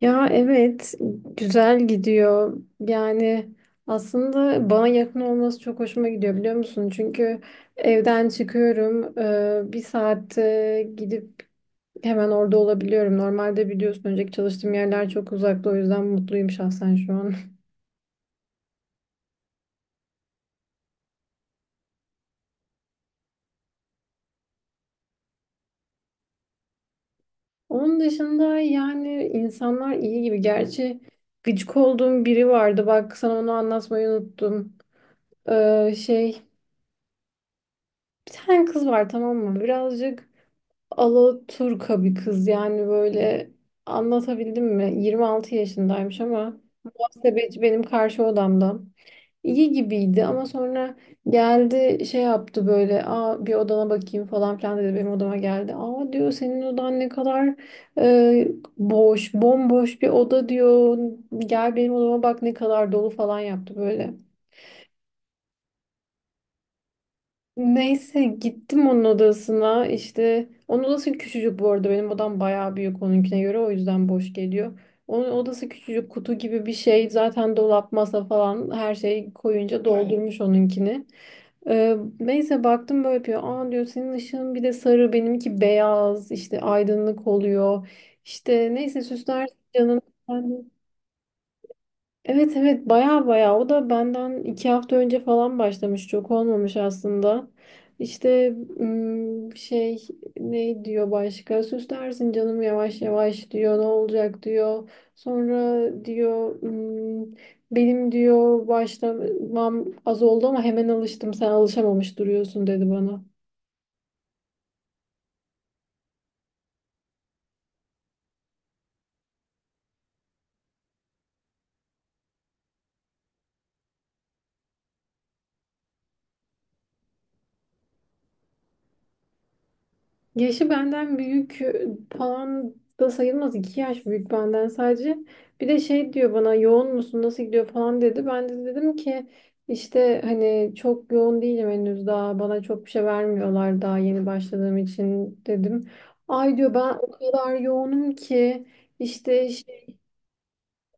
Ya evet güzel gidiyor. Yani aslında bana yakın olması çok hoşuma gidiyor biliyor musun? Çünkü evden çıkıyorum. Bir saatte gidip hemen orada olabiliyorum. Normalde biliyorsun önceki çalıştığım yerler çok uzakta o yüzden mutluyum şahsen şu an. Onun dışında yani insanlar iyi gibi. Gerçi gıcık olduğum biri vardı. Bak sana onu anlatmayı unuttum. Şey bir tane kız var tamam mı? Birazcık Alaturka bir kız yani böyle anlatabildim mi? 26 yaşındaymış ama muhasebeci benim karşı odamda. İyi gibiydi ama sonra geldi şey yaptı böyle aa bir odana bakayım falan filan dedi benim odama geldi. Aa diyor senin odan ne kadar e, boş bomboş bir oda diyor gel benim odama bak ne kadar dolu falan yaptı böyle. Neyse gittim onun odasına işte onun odası küçücük bu arada benim odam bayağı büyük onunkine göre o yüzden boş geliyor. Onun odası küçücük kutu gibi bir şey zaten dolap masa falan her şeyi koyunca doldurmuş onunkini. Neyse baktım böyle yapıyor aa diyor senin ışığın bir de sarı benimki beyaz işte aydınlık oluyor. İşte neyse süsler canım. Evet, evet, baya baya o da benden 2 hafta önce falan başlamış çok olmamış aslında. İşte şey ne diyor başka süslersin canım yavaş yavaş diyor ne olacak diyor. Sonra diyor benim diyor başlamam az oldu ama hemen alıştım sen alışamamış duruyorsun dedi bana. Yaşı benden büyük falan da sayılmaz. 2 yaş büyük benden sadece. Bir de şey diyor bana yoğun musun nasıl gidiyor falan dedi. Ben de dedim ki işte hani çok yoğun değilim henüz daha bana çok bir şey vermiyorlar daha yeni başladığım için dedim. Ay diyor ben o kadar yoğunum ki işte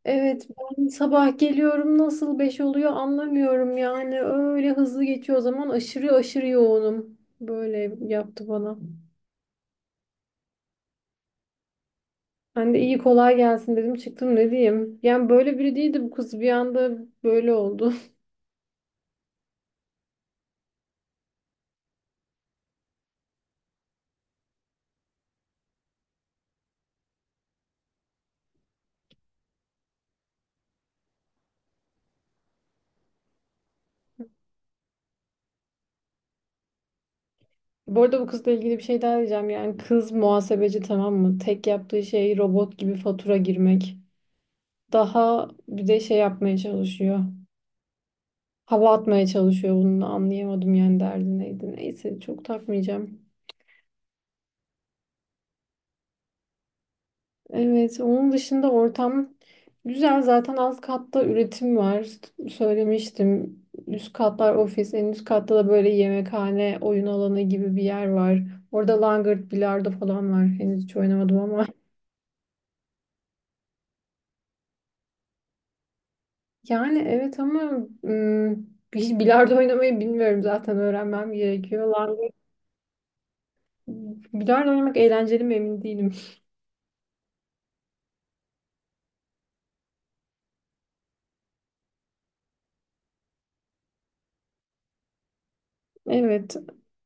evet ben sabah geliyorum nasıl beş oluyor anlamıyorum yani öyle hızlı geçiyor o zaman aşırı aşırı yoğunum. Böyle yaptı bana. Ben de iyi kolay gelsin dedim çıktım ne diyeyim. Yani böyle biri değildi bu kız bir anda böyle oldu. Bu arada bu kızla ilgili bir şey daha diyeceğim. Yani kız muhasebeci tamam mı? Tek yaptığı şey robot gibi fatura girmek. Daha bir de şey yapmaya çalışıyor. Hava atmaya çalışıyor bunu da anlayamadım yani derdi neydi. Neyse çok takmayacağım. Evet, onun dışında ortam güzel. Zaten alt katta üretim var. Söylemiştim. Üst katlar ofis, en üst katta da böyle yemekhane, oyun alanı gibi bir yer var. Orada langırt, bilardo falan var. Henüz hiç oynamadım ama. Yani evet ama hiç bilardo oynamayı bilmiyorum zaten öğrenmem gerekiyor. Langırt, bilardo oynamak eğlenceli mi emin değilim. Evet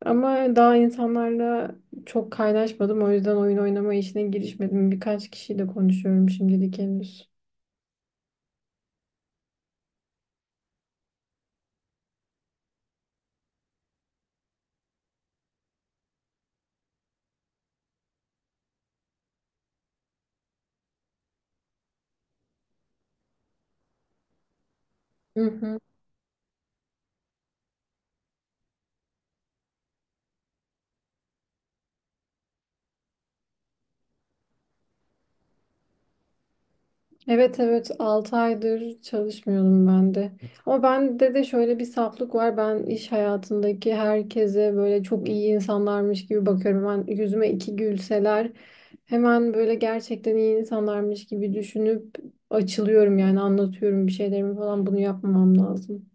ama daha insanlarla çok kaynaşmadım o yüzden oyun oynama işine girişmedim. Birkaç kişiyle konuşuyorum şimdilik henüz. Hı hı. Evet, evet, 6 aydır çalışmıyorum ben de. Ama bende de şöyle bir saflık var. Ben iş hayatındaki herkese böyle çok iyi insanlarmış gibi bakıyorum. Ben yüzüme iki gülseler hemen böyle gerçekten iyi insanlarmış gibi düşünüp açılıyorum yani anlatıyorum bir şeylerimi falan bunu yapmamam lazım.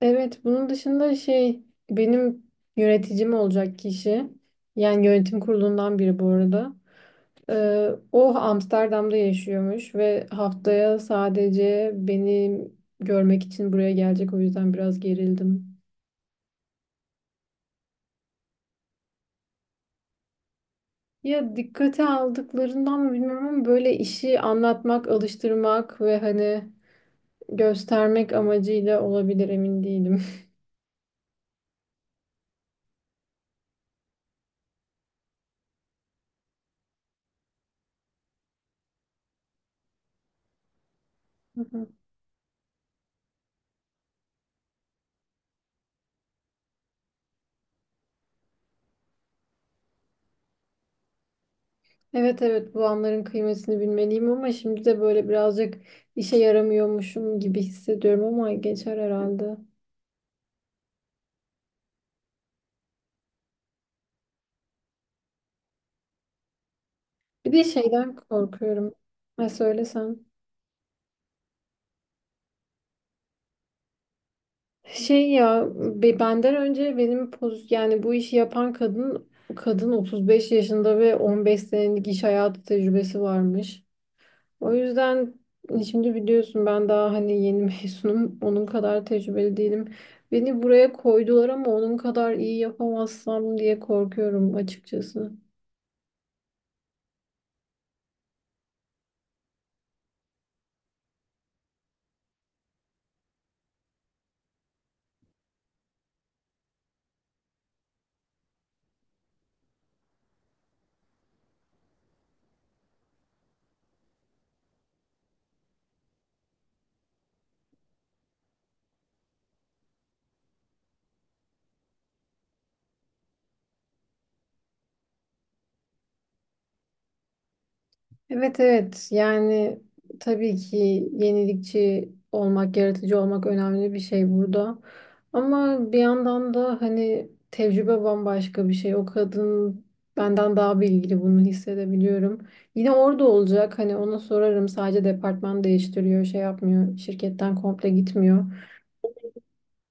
Evet, bunun dışında şey benim yöneticim olacak kişi yani yönetim kurulundan biri bu arada. O Amsterdam'da yaşıyormuş ve haftaya sadece beni görmek için buraya gelecek o yüzden biraz gerildim. Ya dikkate aldıklarından mı bilmiyorum ama böyle işi anlatmak, alıştırmak ve hani göstermek amacıyla olabilir emin değilim. Hı hı. Evet, evet, bu anların kıymetini bilmeliyim ama şimdi de böyle birazcık işe yaramıyormuşum gibi hissediyorum ama geçer herhalde. Bir de şeyden korkuyorum. Ha söylesem. Şey ya benden önce benim poz yani bu işi yapan kadın kadın 35 yaşında ve 15 senelik iş hayatı tecrübesi varmış. O yüzden şimdi biliyorsun ben daha hani yeni mezunum. Onun kadar tecrübeli değilim. Beni buraya koydular ama onun kadar iyi yapamazsam diye korkuyorum açıkçası. Evet, evet, yani tabii ki yenilikçi olmak, yaratıcı olmak önemli bir şey burada. Ama bir yandan da hani tecrübe bambaşka bir şey. O kadın benden daha bilgili bunu hissedebiliyorum. Yine orada olacak hani ona sorarım sadece departman değiştiriyor şey yapmıyor şirketten komple gitmiyor.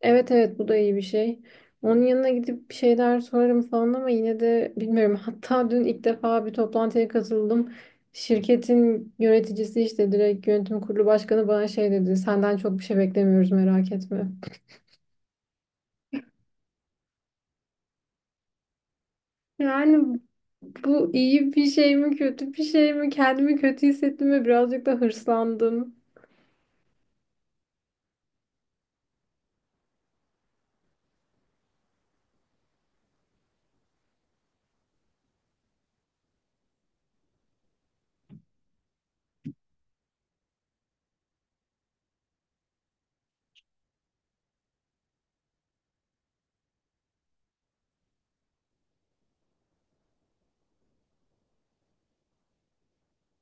Evet, evet, bu da iyi bir şey. Onun yanına gidip bir şeyler sorarım falan ama yine de bilmiyorum. Hatta dün ilk defa bir toplantıya katıldım. Şirketin yöneticisi işte direkt yönetim kurulu başkanı bana şey dedi. Senden çok bir şey beklemiyoruz merak etme. Yani bu iyi bir şey mi kötü bir şey mi? Kendimi kötü hissettim ve birazcık da hırslandım.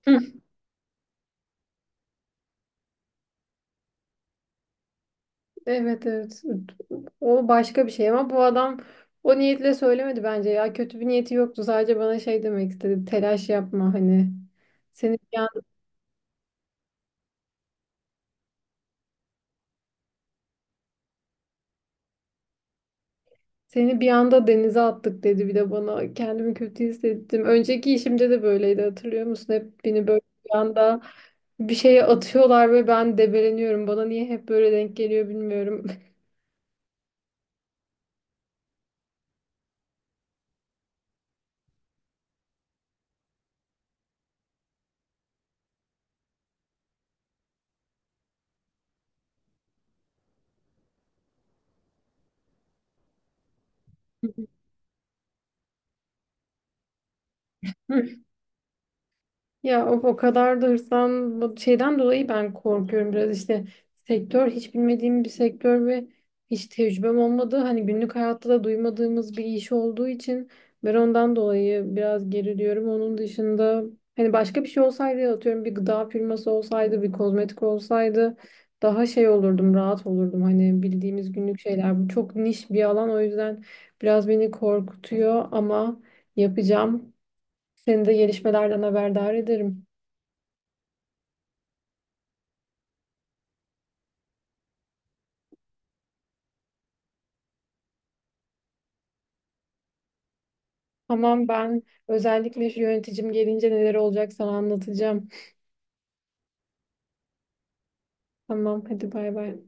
Evet, evet. O başka bir şey ama bu adam o niyetle söylemedi bence ya. Kötü bir niyeti yoktu. Sadece bana şey demek istedi. Telaş yapma hani. Seni bir anda, seni bir anda denize attık dedi bir de bana. Kendimi kötü hissettim. Önceki işimde de böyleydi hatırlıyor musun? Hep beni böyle bir anda bir şeye atıyorlar ve ben debeleniyorum. Bana niye hep böyle denk geliyor bilmiyorum. Ya o kadar da hırslan bu şeyden dolayı ben korkuyorum biraz işte sektör hiç bilmediğim bir sektör ve hiç tecrübem olmadığı hani günlük hayatta da duymadığımız bir iş olduğu için ben ondan dolayı biraz geriliyorum. Onun dışında hani başka bir şey olsaydı atıyorum bir gıda firması olsaydı bir kozmetik olsaydı daha şey olurdum rahat olurdum hani bildiğimiz günlük şeyler bu çok niş bir alan o yüzden biraz beni korkutuyor ama yapacağım. Seni de gelişmelerden haberdar ederim. Tamam ben özellikle şu yöneticim gelince neler olacak sana anlatacağım. Tamam hadi bay bay.